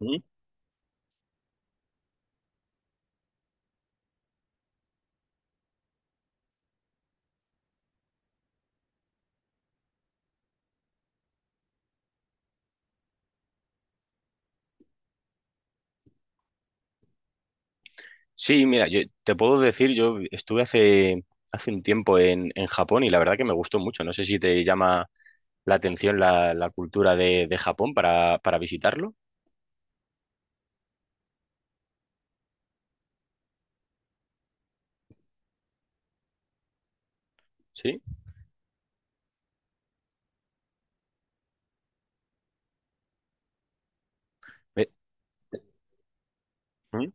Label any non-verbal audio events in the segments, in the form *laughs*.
Ujú. Sí, mira, yo te puedo decir, yo estuve hace un tiempo en Japón y la verdad que me gustó mucho. No sé si te llama la atención la cultura de Japón para visitarlo. Sí. Eh, Ujú.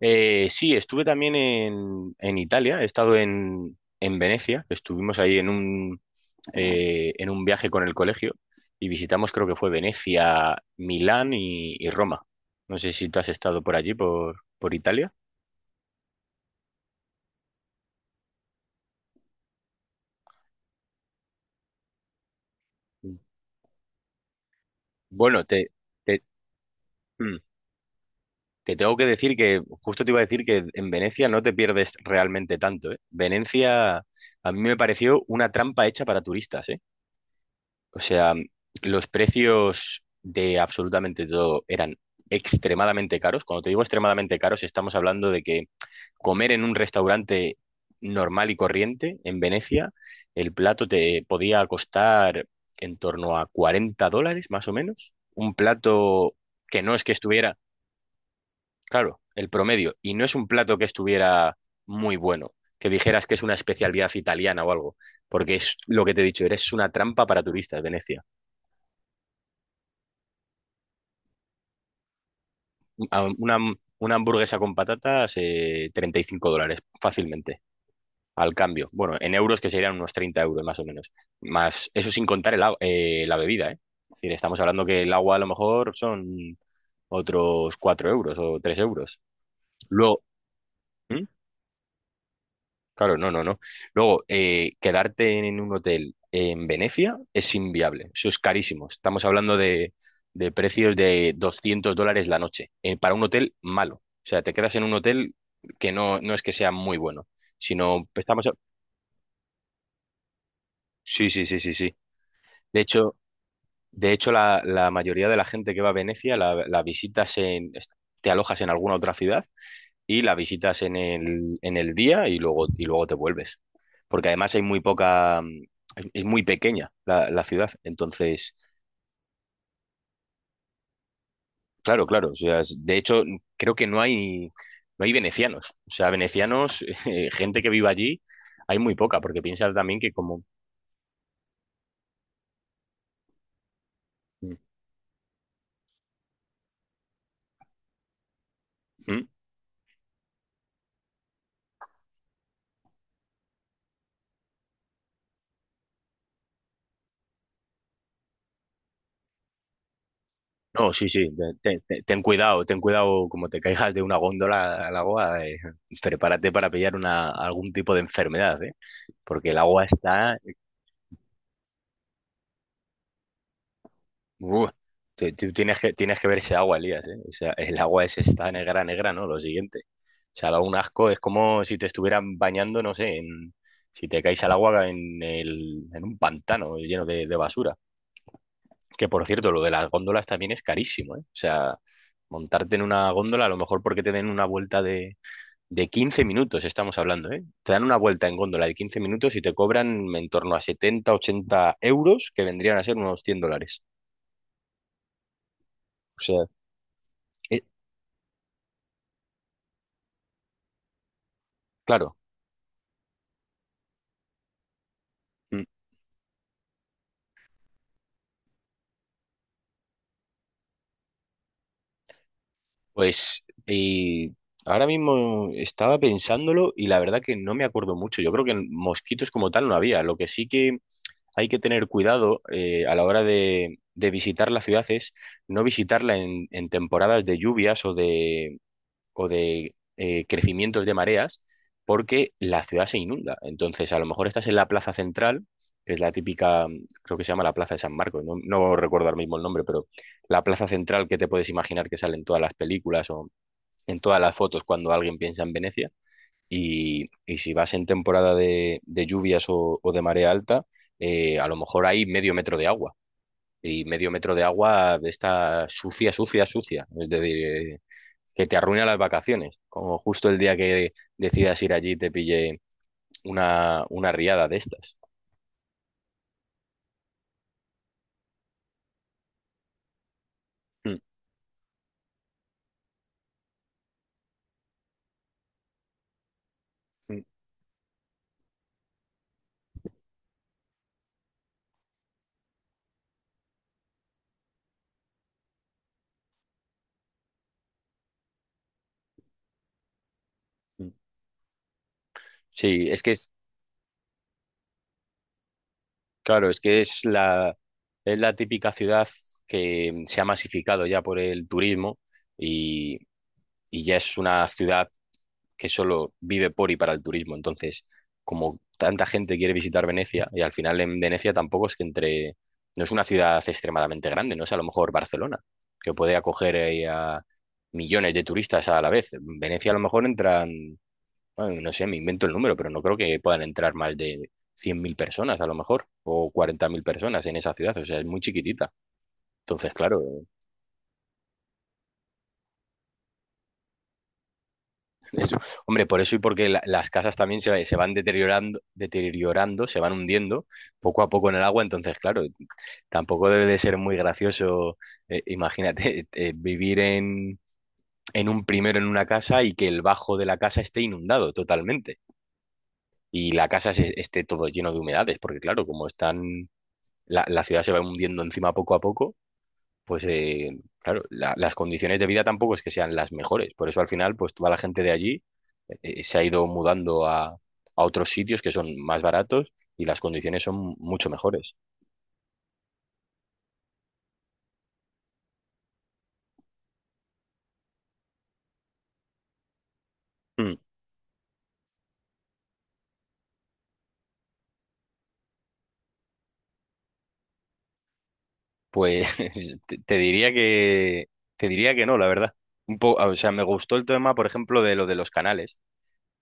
Sí, estuve también en Italia, he estado en Venecia, que estuvimos ahí en un, en un viaje con el colegio y visitamos, creo que fue Venecia, Milán y Roma. No sé si tú has estado por allí, por Italia. Bueno, te... te- mm. Te tengo que decir que, justo te iba a decir que en Venecia no te pierdes realmente tanto, ¿eh? Venecia a mí me pareció una trampa hecha para turistas, ¿eh? O sea, los precios de absolutamente todo eran extremadamente caros. Cuando te digo extremadamente caros, estamos hablando de que comer en un restaurante normal y corriente en Venecia, el plato te podía costar en torno a $40, más o menos. Un plato que no es que estuviera. Claro, el promedio. Y no es un plato que estuviera muy bueno, que dijeras que es una especialidad italiana o algo, porque es lo que te he dicho, eres una trampa para turistas, Venecia. A- Una, una hamburguesa con patatas, $35 fácilmente, al cambio. Bueno, en euros que serían unos 30 € más o menos. Más, eso sin contar la bebida, ¿eh? Es decir, estamos hablando que el agua a lo mejor son otros 4 euros o 3 euros. Luego. ¿Mm? Claro, no, no, no. Luego, quedarte en un hotel en Venecia es inviable. Eso es carísimo. Estamos hablando de precios de $200 la noche para un hotel malo. O sea, te quedas en un hotel que no, no es que sea muy bueno, sino Sí, sí, sí, sí, sí. De hecho, de hecho, la mayoría de la gente que va a Venecia Te alojas en alguna otra ciudad y la visitas en el día y luego te vuelves. Porque además hay muy poca, es muy pequeña la ciudad. Entonces, claro, claro. O sea, de hecho, creo que no hay venecianos. O sea, venecianos, *laughs* gente que viva allí, hay muy poca, porque piensa también que como... ¿Mm? mm, No, sí, sí, ten cuidado, como te caigas de una góndola al agua, prepárate para pillar una, algún tipo de enfermedad, ¿eh? Porque el agua está... Uh, tú tienes que ver ese agua, Elías, ¿eh? O sea, el agua es esta negra, negra, ¿no? Lo siguiente. O sea, da un asco, es como si te estuvieran bañando, no sé, en, si te caes al agua en, el, en un pantano lleno de basura. Que por cierto, lo de las góndolas también es carísimo, ¿eh? O sea, montarte en una góndola, a lo mejor porque te den una vuelta de 15 minutos, estamos hablando, ¿eh? Te dan una vuelta en góndola de 15 minutos y te cobran en torno a 70 80 euros, que vendrían a ser unos $100. O sea, eh, claro. Mm. Pues eh, ahora mismo estaba pensándolo y la verdad que no me acuerdo mucho. Yo creo que mosquitos como tal no había. Lo que sí que hay que tener cuidado a la hora de visitar la ciudad es no visitarla en temporadas de lluvias o de, o de crecimientos de mareas porque la ciudad se inunda. Entonces, a lo mejor estás en la plaza central, que es la típica, creo que se llama la Plaza de San Marcos, no, no recuerdo ahora mismo el nombre, pero la plaza central que te puedes imaginar que sale en todas las películas o en todas las fotos cuando alguien piensa en Venecia. Y si vas en temporada de lluvias o de marea alta, a lo mejor hay medio metro de agua. Y medio metro de agua de esta sucia, sucia, sucia. Es decir, que te arruina las vacaciones, como justo el día que decidas ir allí te pille una riada de estas. Mm, mm, mm. Sí, es que es, claro, es que es la típica ciudad que se ha masificado ya por el turismo y, y ya es una ciudad que solo vive por y para el turismo. Entonces, como tanta gente quiere visitar Venecia, y al final en Venecia tampoco es que entre, no es una ciudad extremadamente grande, no es a lo mejor Barcelona, que puede acoger ahí a millones de turistas a la vez. En Venecia a lo mejor entran, bueno, no sé, me invento el número, pero no creo que puedan entrar más de 100.000 personas a lo mejor, o 40.000 personas en esa ciudad, o sea, es muy chiquitita. Entonces, claro. Eso. Hombre, por eso y porque las casas también se van deteriorando, deteriorando, se van hundiendo poco a poco en el agua, entonces, claro, tampoco debe de ser muy gracioso, imagínate, *laughs* vivir en un primero en una casa y que el bajo de la casa esté inundado totalmente y la casa esté todo lleno de humedades, porque claro, como están, la ciudad se va hundiendo encima poco a poco, pues claro, las condiciones de vida tampoco es que sean las mejores. Por eso al final, pues toda la gente de allí se ha ido mudando a otros sitios que son más baratos y las condiciones son mucho mejores. Mm. Pues *laughs* te diría que te diría que no, la verdad. O sea, me gustó el tema, por ejemplo, de lo de los canales,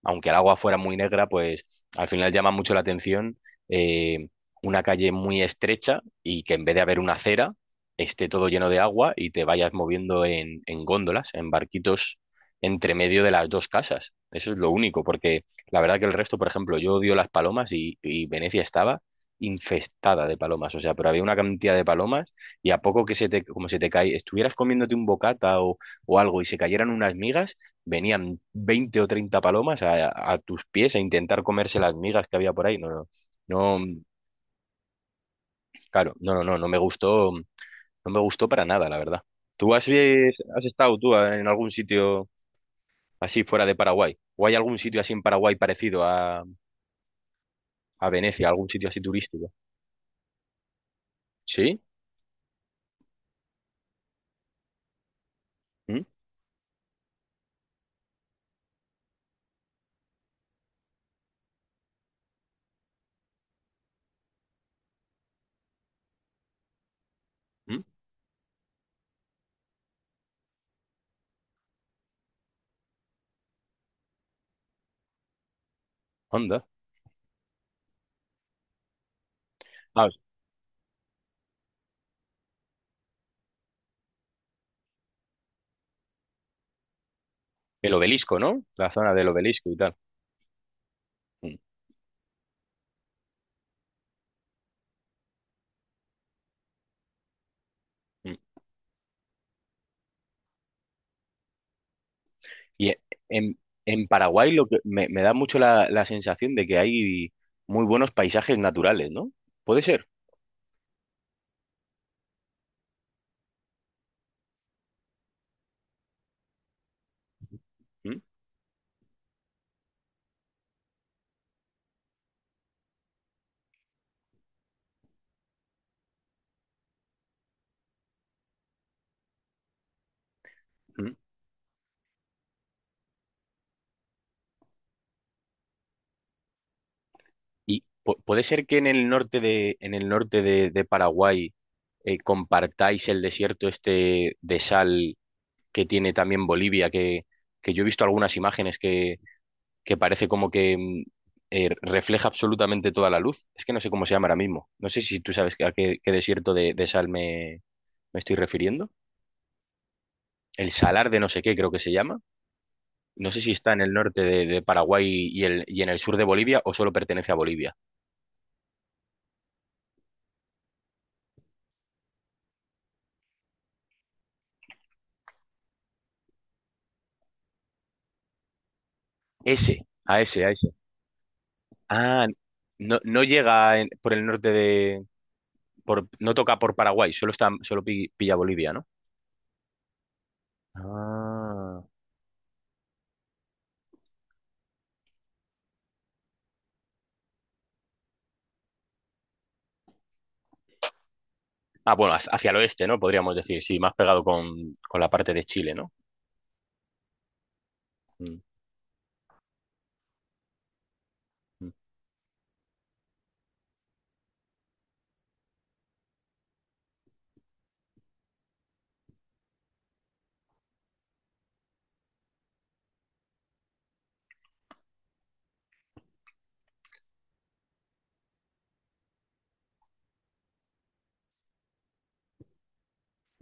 aunque el agua fuera muy negra, pues al final llama mucho la atención eh, una calle muy estrecha y que en vez de haber una acera, esté todo lleno de agua y te vayas moviendo en góndolas, en barquitos entre medio de las dos casas. Eso es lo único, porque la verdad que el resto, por ejemplo, yo odio las palomas y Venecia estaba infestada de palomas, o sea, pero había una cantidad de palomas y a poco que se te, como se te cae, estuvieras comiéndote un bocata o algo y se cayeran unas migas, venían 20 o 30 palomas a tus pies a intentar comerse las migas que había por ahí. No, no, no, claro, no, no, no, no me gustó, no me gustó para nada, la verdad. ¿Tú has, has estado tú en algún sitio así fuera de Paraguay? ¿O hay algún sitio así en Paraguay parecido a Venecia, algún sitio así turístico? ¿Sí? ¿Mm? ¿Mm? ¿Onda? Ah, el obelisco, ¿no? La zona del obelisco y tal. Mm, mm. Y e- en, en Paraguay lo que me da mucho la sensación de que hay muy buenos paisajes naturales, ¿no? Puede ser. ¿Mm? ¿Mm? Y puede ser que en el norte de, en el norte de Paraguay compartáis el desierto este de sal que tiene también Bolivia, que yo he visto algunas imágenes que parece como que refleja absolutamente toda la luz. Es que no sé cómo se llama ahora mismo. No sé si tú sabes a qué, qué desierto de sal me estoy refiriendo. El salar de no sé qué creo que se llama. No sé si está en el norte de Paraguay y, el, y en el sur de Bolivia o solo pertenece a Bolivia. Ese, a ese, a ese. Ah, no, no llega por el norte de... no toca por Paraguay, solo, está, solo pilla Bolivia, ¿no? Ah. Ah, bueno, hacia hacia el oeste, ¿no? Podríamos decir, sí, más pegado con la parte de Chile, ¿no? Mm, mm.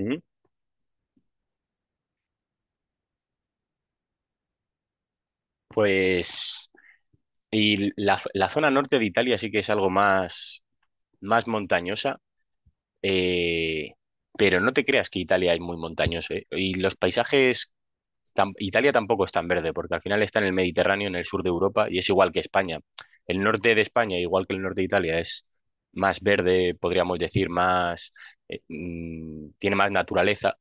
Mm. Pues... Y la zona norte de Italia sí que es algo más, más montañosa. Eh, pero no te creas que Italia es muy montañoso, ¿eh? Y los paisajes, Italia tampoco es tan verde, porque al final está en el Mediterráneo, en el sur de Europa, y es igual que España. El norte de España, igual que el norte de Italia, es más verde, podríamos decir, más, tiene más naturaleza.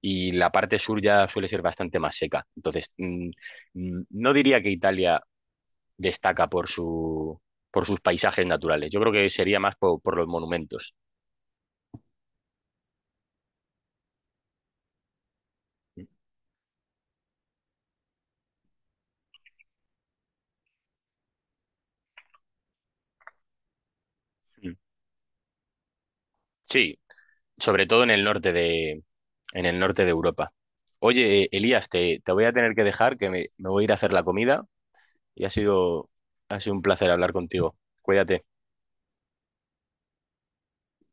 Y la parte sur ya suele ser bastante más seca. Entonces, no diría que Italia destaca por su, por sus paisajes naturales. Yo creo que sería más por los monumentos. Mm. Sí, sobre todo en el norte de, en el norte de Europa. Oye, Elías, te voy a tener que dejar, que me voy a ir a hacer la comida y ha sido un placer hablar contigo. Cuídate.